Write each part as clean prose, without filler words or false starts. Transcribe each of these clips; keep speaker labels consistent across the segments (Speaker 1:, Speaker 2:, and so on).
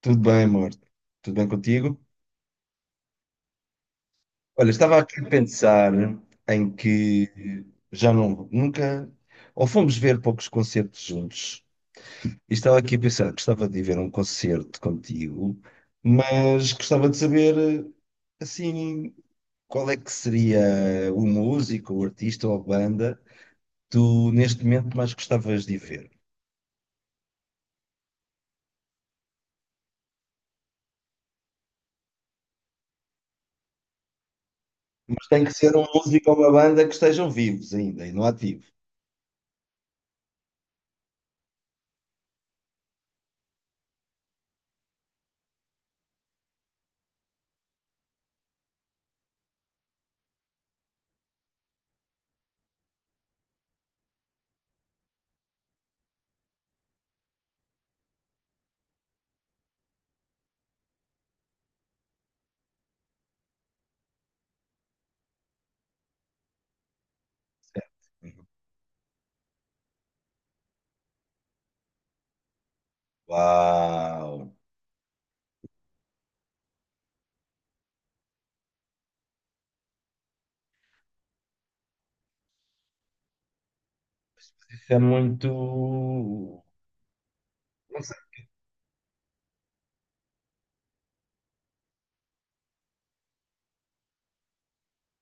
Speaker 1: Tudo bem, amor? Tudo bem contigo? Olha, estava aqui a pensar em que já não, nunca, ou fomos ver poucos concertos juntos. E estava aqui a pensar, gostava de ir ver um concerto contigo, mas gostava de saber, assim, qual é que seria o músico, o artista ou a banda que tu, neste momento, mais gostavas de ir ver. Mas tem que ser um músico ou uma banda que estejam vivos ainda e não ativos. Certo? Uau! É muito. Não sei.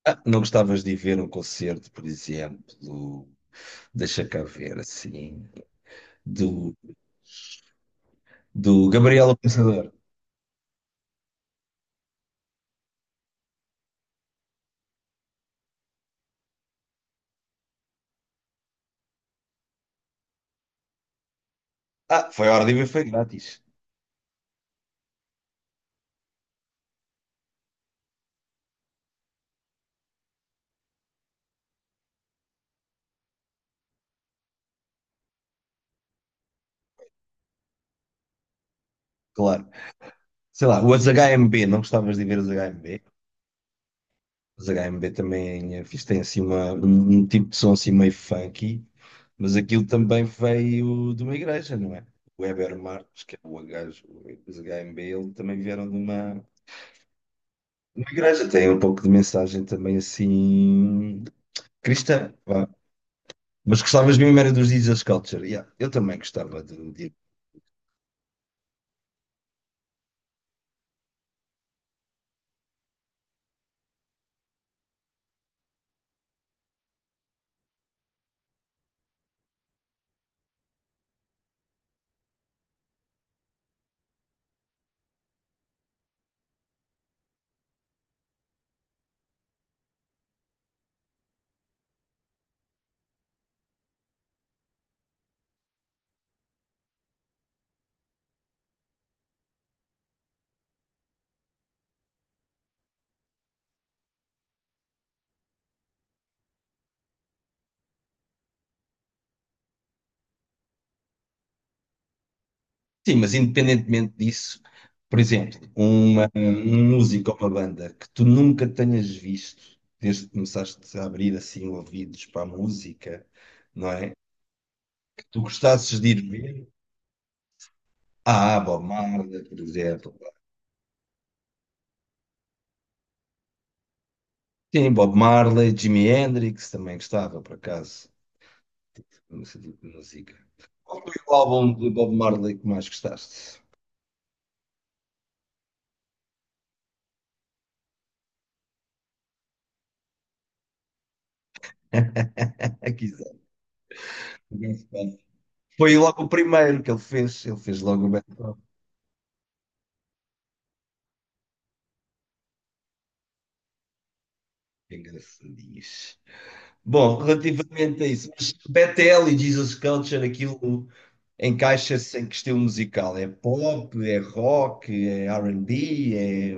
Speaker 1: Ah, não gostavas de ir ver um concerto, por exemplo, do. Deixa cá ver, assim. Do, do Gabriel o Pensador. Ah, foi a hora de ver, foi grátis. Claro. Sei lá, os HMB, não gostavas de ver os HMB? Os HMB também fiz, tem assim uma, um tipo de som assim meio funky, mas aquilo também veio de uma igreja, não é? O Heber Marques, que é o gajo, os HMB, ele também vieram de uma. Uma igreja tem um pouco de mensagem também assim cristã, vá. Mas gostavas mesmo era dos Jesus Culture. Yeah, eu também gostava de- Sim, mas independentemente disso, por exemplo, uma, um músico ou uma banda que tu nunca tenhas visto desde que começaste a abrir assim ouvidos para a música, não é? Que tu gostasses de ir ver. Ah, Bob Marley, por exemplo. Sim, Bob Marley, Jimi Hendrix também gostava, por acaso. Nesse tipo de música. Qual foi o álbum de Bob Marley que mais gostaste? Aqui, está. Foi logo o primeiro que ele fez. Ele fez logo o Bad Cop. Engraçadinhos. Bom, relativamente a isso, mas Bethel e Jesus Culture, aquilo encaixa-se em que estilo musical? É pop, é rock, é R&B? É...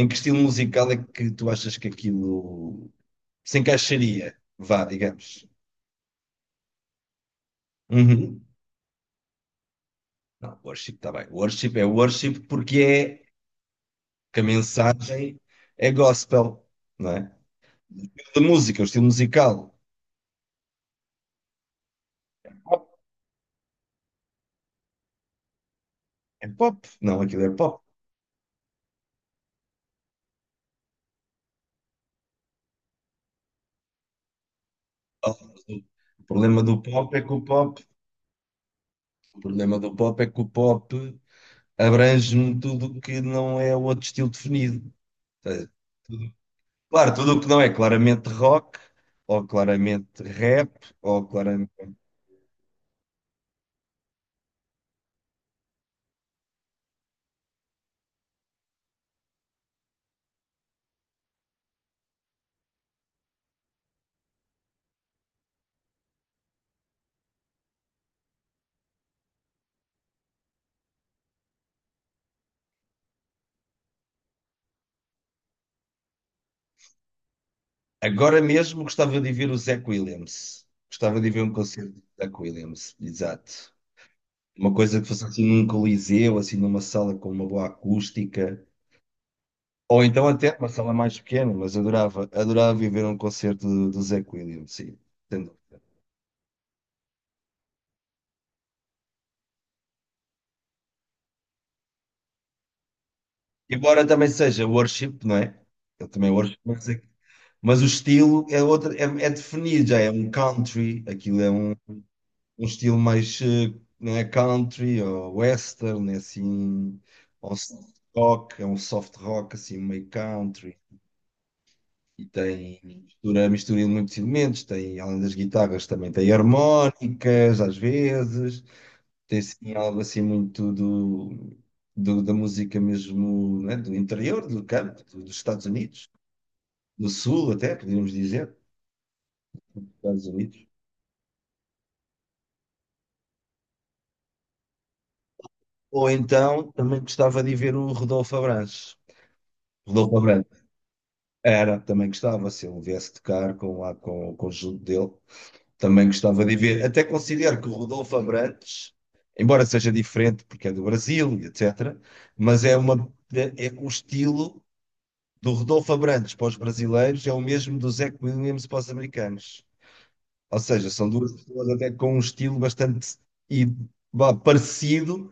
Speaker 1: Em que estilo musical é que tu achas que aquilo se encaixaria? Vá, digamos. Uhum. Não, worship está bem. Worship é worship porque é que a mensagem é gospel, não é? De música, o estilo musical. Pop. É pop, não, aquilo é pop. O problema do pop é que o pop, o problema do pop é que o pop abrange tudo o que não é outro estilo definido. Ou seja, tudo- claro, tudo o que não é claramente rock, ou claramente rap, ou claramente. Agora mesmo gostava de ver o Zach Williams. Gostava de ver um concerto do Zach Williams, exato. Uma coisa que fosse assim num coliseu, assim numa sala com uma boa acústica, ou então até uma sala mais pequena, mas adorava, adorava ir ver um concerto do, do Zé Williams, sim, sem dúvida. Embora também seja worship, não é? Eu também é worship, mas, é- mas o estilo é, outro, é, é definido, já é um country, aquilo é um, um estilo mais, não é country, ou western, é assim, ou soft rock, é um soft rock, assim, meio country. E tem mistura, mistura de muitos elementos, tem, além das guitarras, também tem harmónicas, às vezes, tem assim, algo assim muito do, do- da música mesmo, né, do interior, do campo, do- dos Estados Unidos, do Sul até, podíamos dizer, Estados Unidos. Ou então, também gostava de ver o Rodolfo Abrantes. Rodolfo Abrantes. Era, também gostava, se ele viesse tocar com, lá, com o conjunto dele. Também gostava de ver. Até considero que o Rodolfo Abrantes, embora seja diferente porque é do Brasil, e etc., mas é uma, é o estilo do Rodolfo Abrantes para os brasileiros é o mesmo do Zach Williams para os americanos. Ou seja, são duas pessoas até com um estilo bastante e, vá, parecido,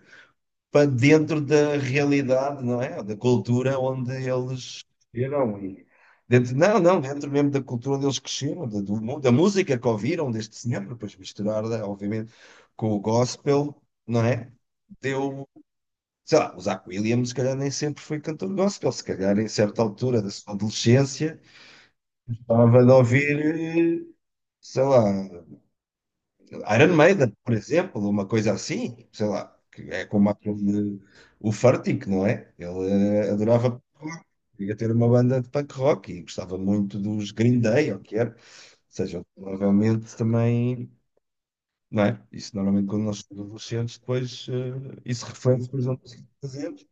Speaker 1: para dentro da realidade, não é? Da cultura onde eles cresceram. E dentro, não, não, dentro mesmo da cultura onde eles cresceram, da, do mu- da música que ouviram deste senhor, depois misturar, né, obviamente, com o gospel, não é? Deu. Sei lá, o Zach Williams, se calhar, nem sempre foi cantor gospel, se calhar, em certa altura da sua adolescência, estava de ouvir, sei lá. Ironmaiden, por exemplo, uma coisa assim, sei lá, que é como aquele, o Furtick, não é? Ele adorava punk rock, queria ter uma banda de punk rock e gostava muito dos Green Day, ou o que era. Ou seja, provavelmente também, não é? Isso normalmente quando nós somos adolescentes, depois isso reflete, por exemplo, assim que fazemos.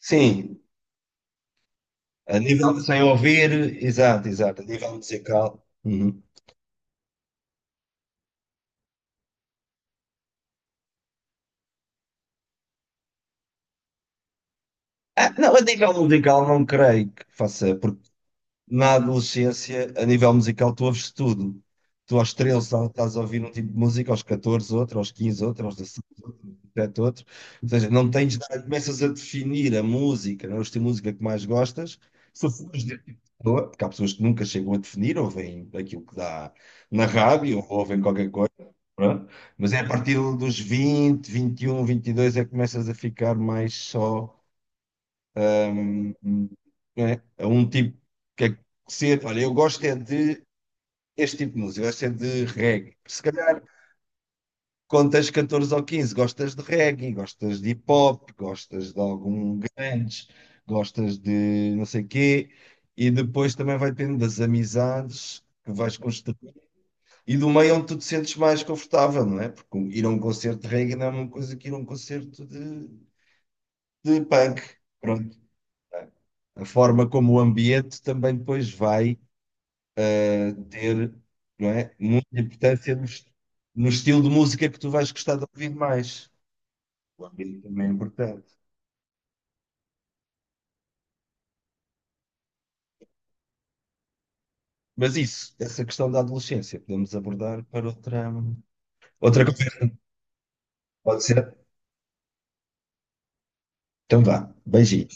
Speaker 1: Sim, a nível de sem ouvir, exato, exato, a nível musical. Uhum. Ah, não, a nível musical não creio que faça, porque na adolescência, a nível musical, tu ouves tudo. Tu aos 13 estás a ouvir um tipo de música, aos 14 outro, aos 15 outro, aos 16 outro, aos 17 outro. Ou seja, não tens, nada, começas a definir a música, não é? O estilo de música que mais gostas. Se fores de pessoa, porque há pessoas que nunca chegam a definir, ouvem aquilo que dá na rádio, ou ouvem qualquer coisa. Pronto. Mas é a partir dos vinte, vinte e um, vinte e dois é que começas a ficar mais só. Hum, É, é um tipo que é que ser, olha, eu gosto é de este tipo de música, eu gosto é de reggae. Se calhar, quando tens 14 ou 15, gostas de reggae, gostas de hip hop, gostas de algum grunge, gostas de não sei quê, e depois também vai depender das amizades que vais construir e do meio onde tu te sentes mais confortável, não é? Porque um, ir a um concerto de reggae não é uma coisa que ir a um concerto de punk. Pronto. A forma como o ambiente também depois vai ter, não é, muita importância no, est- no estilo de música que tu vais gostar de ouvir mais. O ambiente também é importante. Mas isso, essa questão da adolescência, podemos abordar para outra, outra conversa. Pode ser? Então vá, beijinho.